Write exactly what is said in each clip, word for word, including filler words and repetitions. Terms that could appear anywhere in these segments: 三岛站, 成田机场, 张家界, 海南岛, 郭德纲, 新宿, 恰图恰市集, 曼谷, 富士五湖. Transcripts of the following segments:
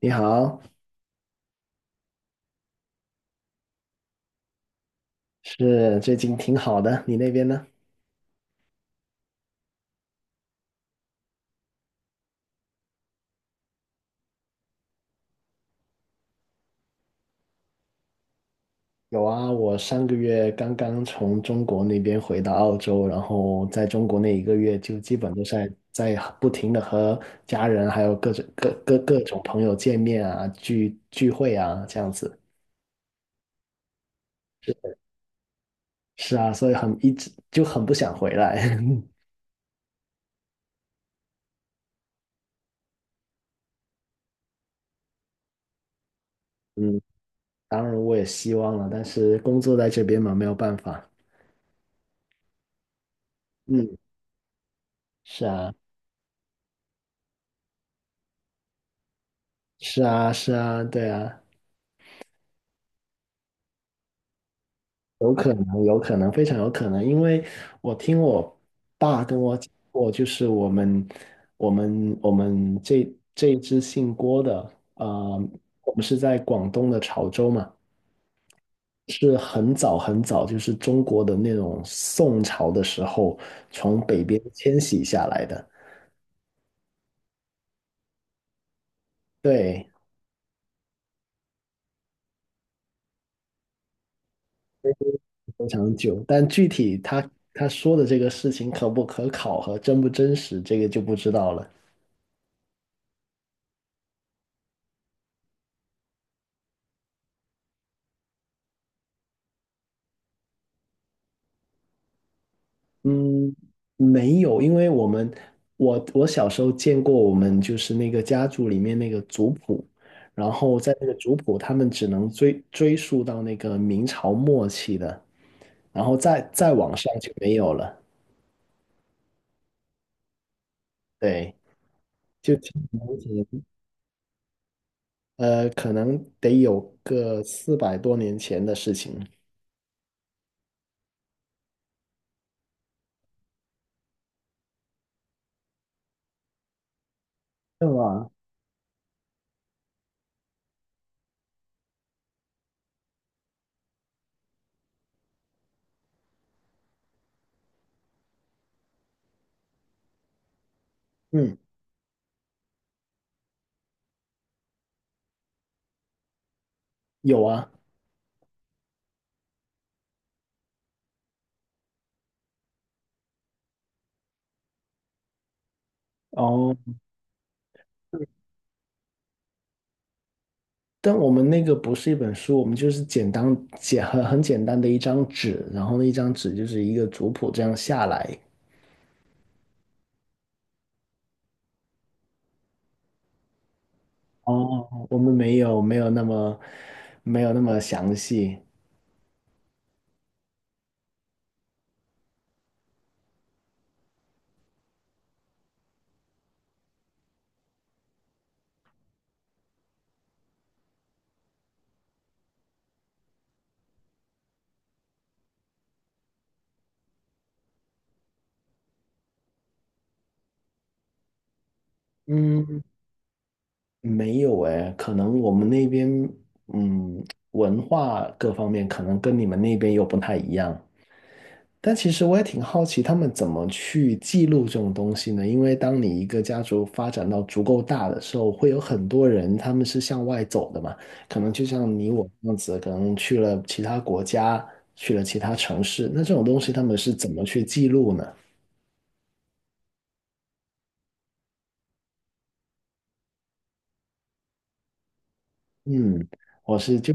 你好。是，最近挺好的，你那边呢？有啊，我上个月刚刚从中国那边回到澳洲，然后在中国那一个月就基本都在在不停的和家人还有各种各各各种朋友见面啊，聚聚会啊，这样子。是是啊，所以很一直就很不想回来。嗯，当然我也希望了，但是工作在这边嘛，没有办法。嗯，是啊，是啊，是啊，对啊。有可能，有可能，非常有可能，因为我听我爸跟我讲过，就是我们我们我们这这一支姓郭的，呃，我们是在广东的潮州嘛，是很早很早，就是中国的那种宋朝的时候从北边迁徙下来的。对，非常久。但具体他他说的这个事情可不可考和真不真实，这个就不知道了。嗯，没有，因为我们我我小时候见过我们就是那个家族里面那个族谱，然后在那个族谱，他们只能追追溯到那个明朝末期的，然后再再往上就没有了。对，就挺了解呃，可能得有个四百多年前的事情。对吧？嗯，有啊。哦，但我们那个不是一本书，我们就是简单简很很简单的一张纸，然后那一张纸就是一个族谱这样下来。哦，我们没有没有那么没有那么详细。嗯，没有诶，可能我们那边嗯文化各方面可能跟你们那边又不太一样。但其实我也挺好奇，他们怎么去记录这种东西呢？因为当你一个家族发展到足够大的时候，会有很多人他们是向外走的嘛，可能就像你我这样子，可能去了其他国家，去了其他城市，那这种东西他们是怎么去记录呢？嗯，我是就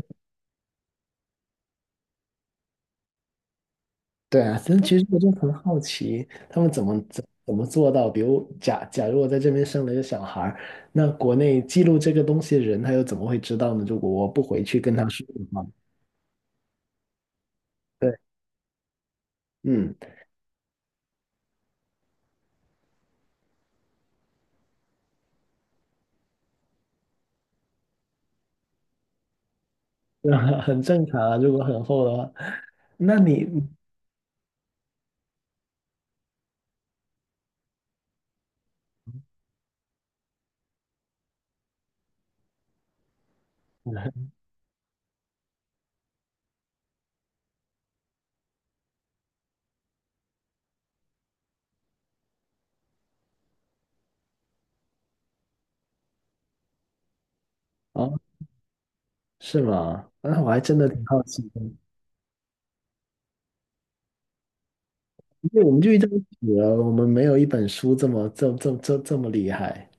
对啊，但其实我就很好奇，他们怎么怎怎么做到？比如假假如我在这边生了一个小孩儿，那国内记录这个东西的人，他又怎么会知道呢？如果我不回去跟他说的话。对，嗯，很正常啊，如果很厚的话，那你哦，是吗？那我还真的挺好奇的，因为我们就遇到一起了，我们没有一本书这么这这这这么厉害，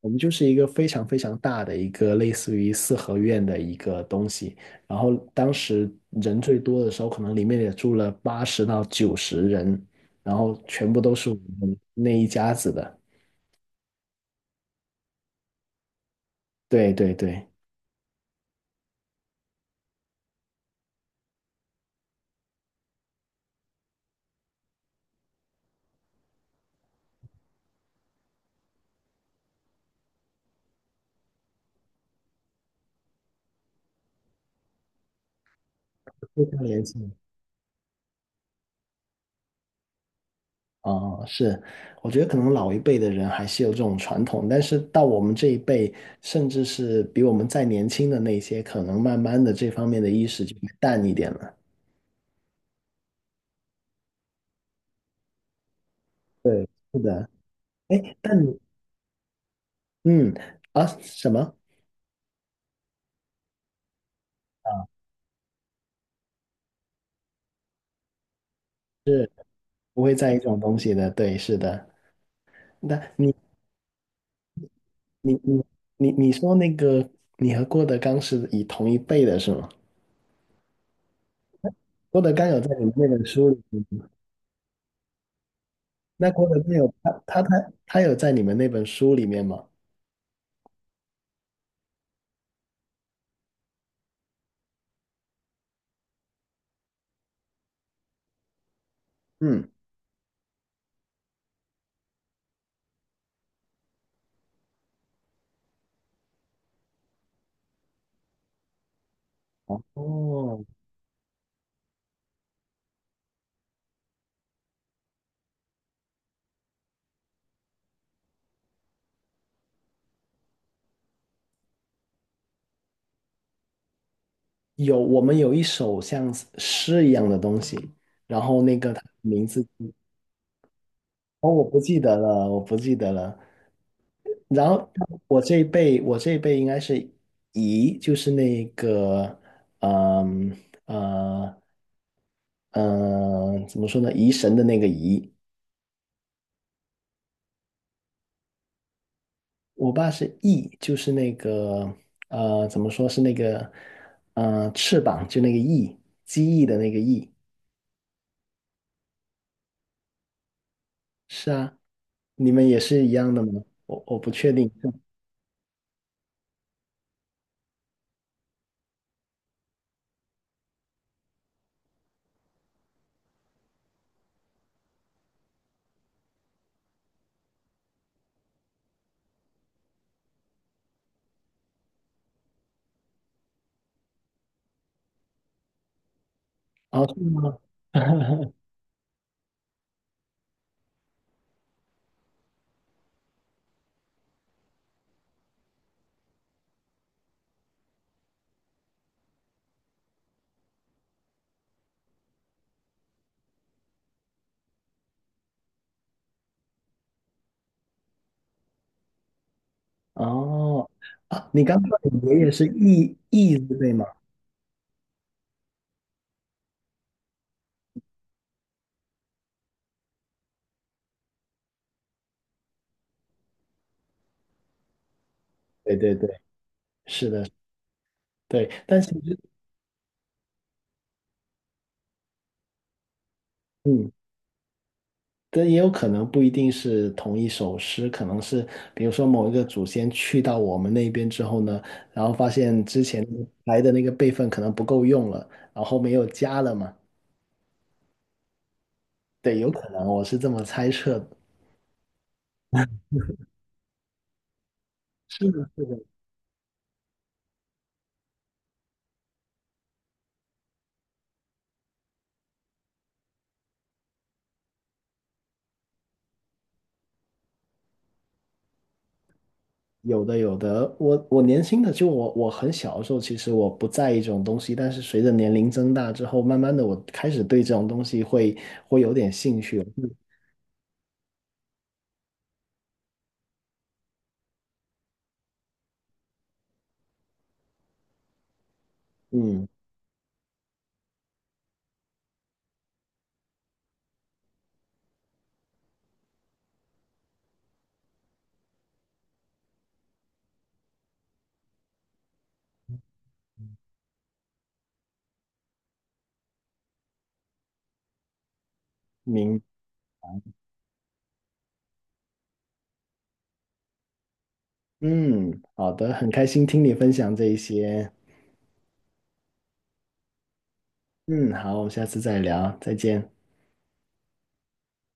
我们就是一个非常非常大的一个类似于四合院的一个东西，然后当时人最多的时候，可能里面也住了八十到九十人，然后全部都是我们那一家子的。对对对，非常年轻。哦，是，我觉得可能老一辈的人还是有这种传统，但是到我们这一辈，甚至是比我们再年轻的那些，可能慢慢的这方面的意识就会淡一点了。对，是的，哎，但你嗯啊什么啊，是不会在意这种东西的，对，是的。那你你你你你说那个你和郭德纲是以同一辈的是吗？郭德纲有在你们那本书里，那郭德纲有他他他他有在你们那本书里面吗？嗯。哦，有，我们有一首像诗一样的东西，然后那个它的名字，哦，我不记得了，我不记得了。然后我这一辈，我这一辈应该是乙，就是那个，嗯呃呃，怎么说呢？疑神的那个疑。我爸是翼，就是那个，呃，怎么说是那个，呃，翅膀，就那个翼，机翼的那个翼。是啊。你们也是一样的吗？我我不确定。哦，是吗？哦，啊，你刚说你爷爷是义义字辈吗？对对对，是的，对。但其实，嗯，但也有可能不一定是同一首诗，可能是比如说某一个祖先去到我们那边之后呢，然后发现之前来的那个辈分可能不够用了，然后后面又加了嘛。对，有可能，我是这么猜测的。有的，有的。我我年轻的就我我很小的时候，其实我不在意这种东西，但是随着年龄增大之后，慢慢的我开始对这种东西会会有点兴趣。嗯，明，嗯，好的，很开心听你分享这一些。嗯，好，我们下次再聊，再见。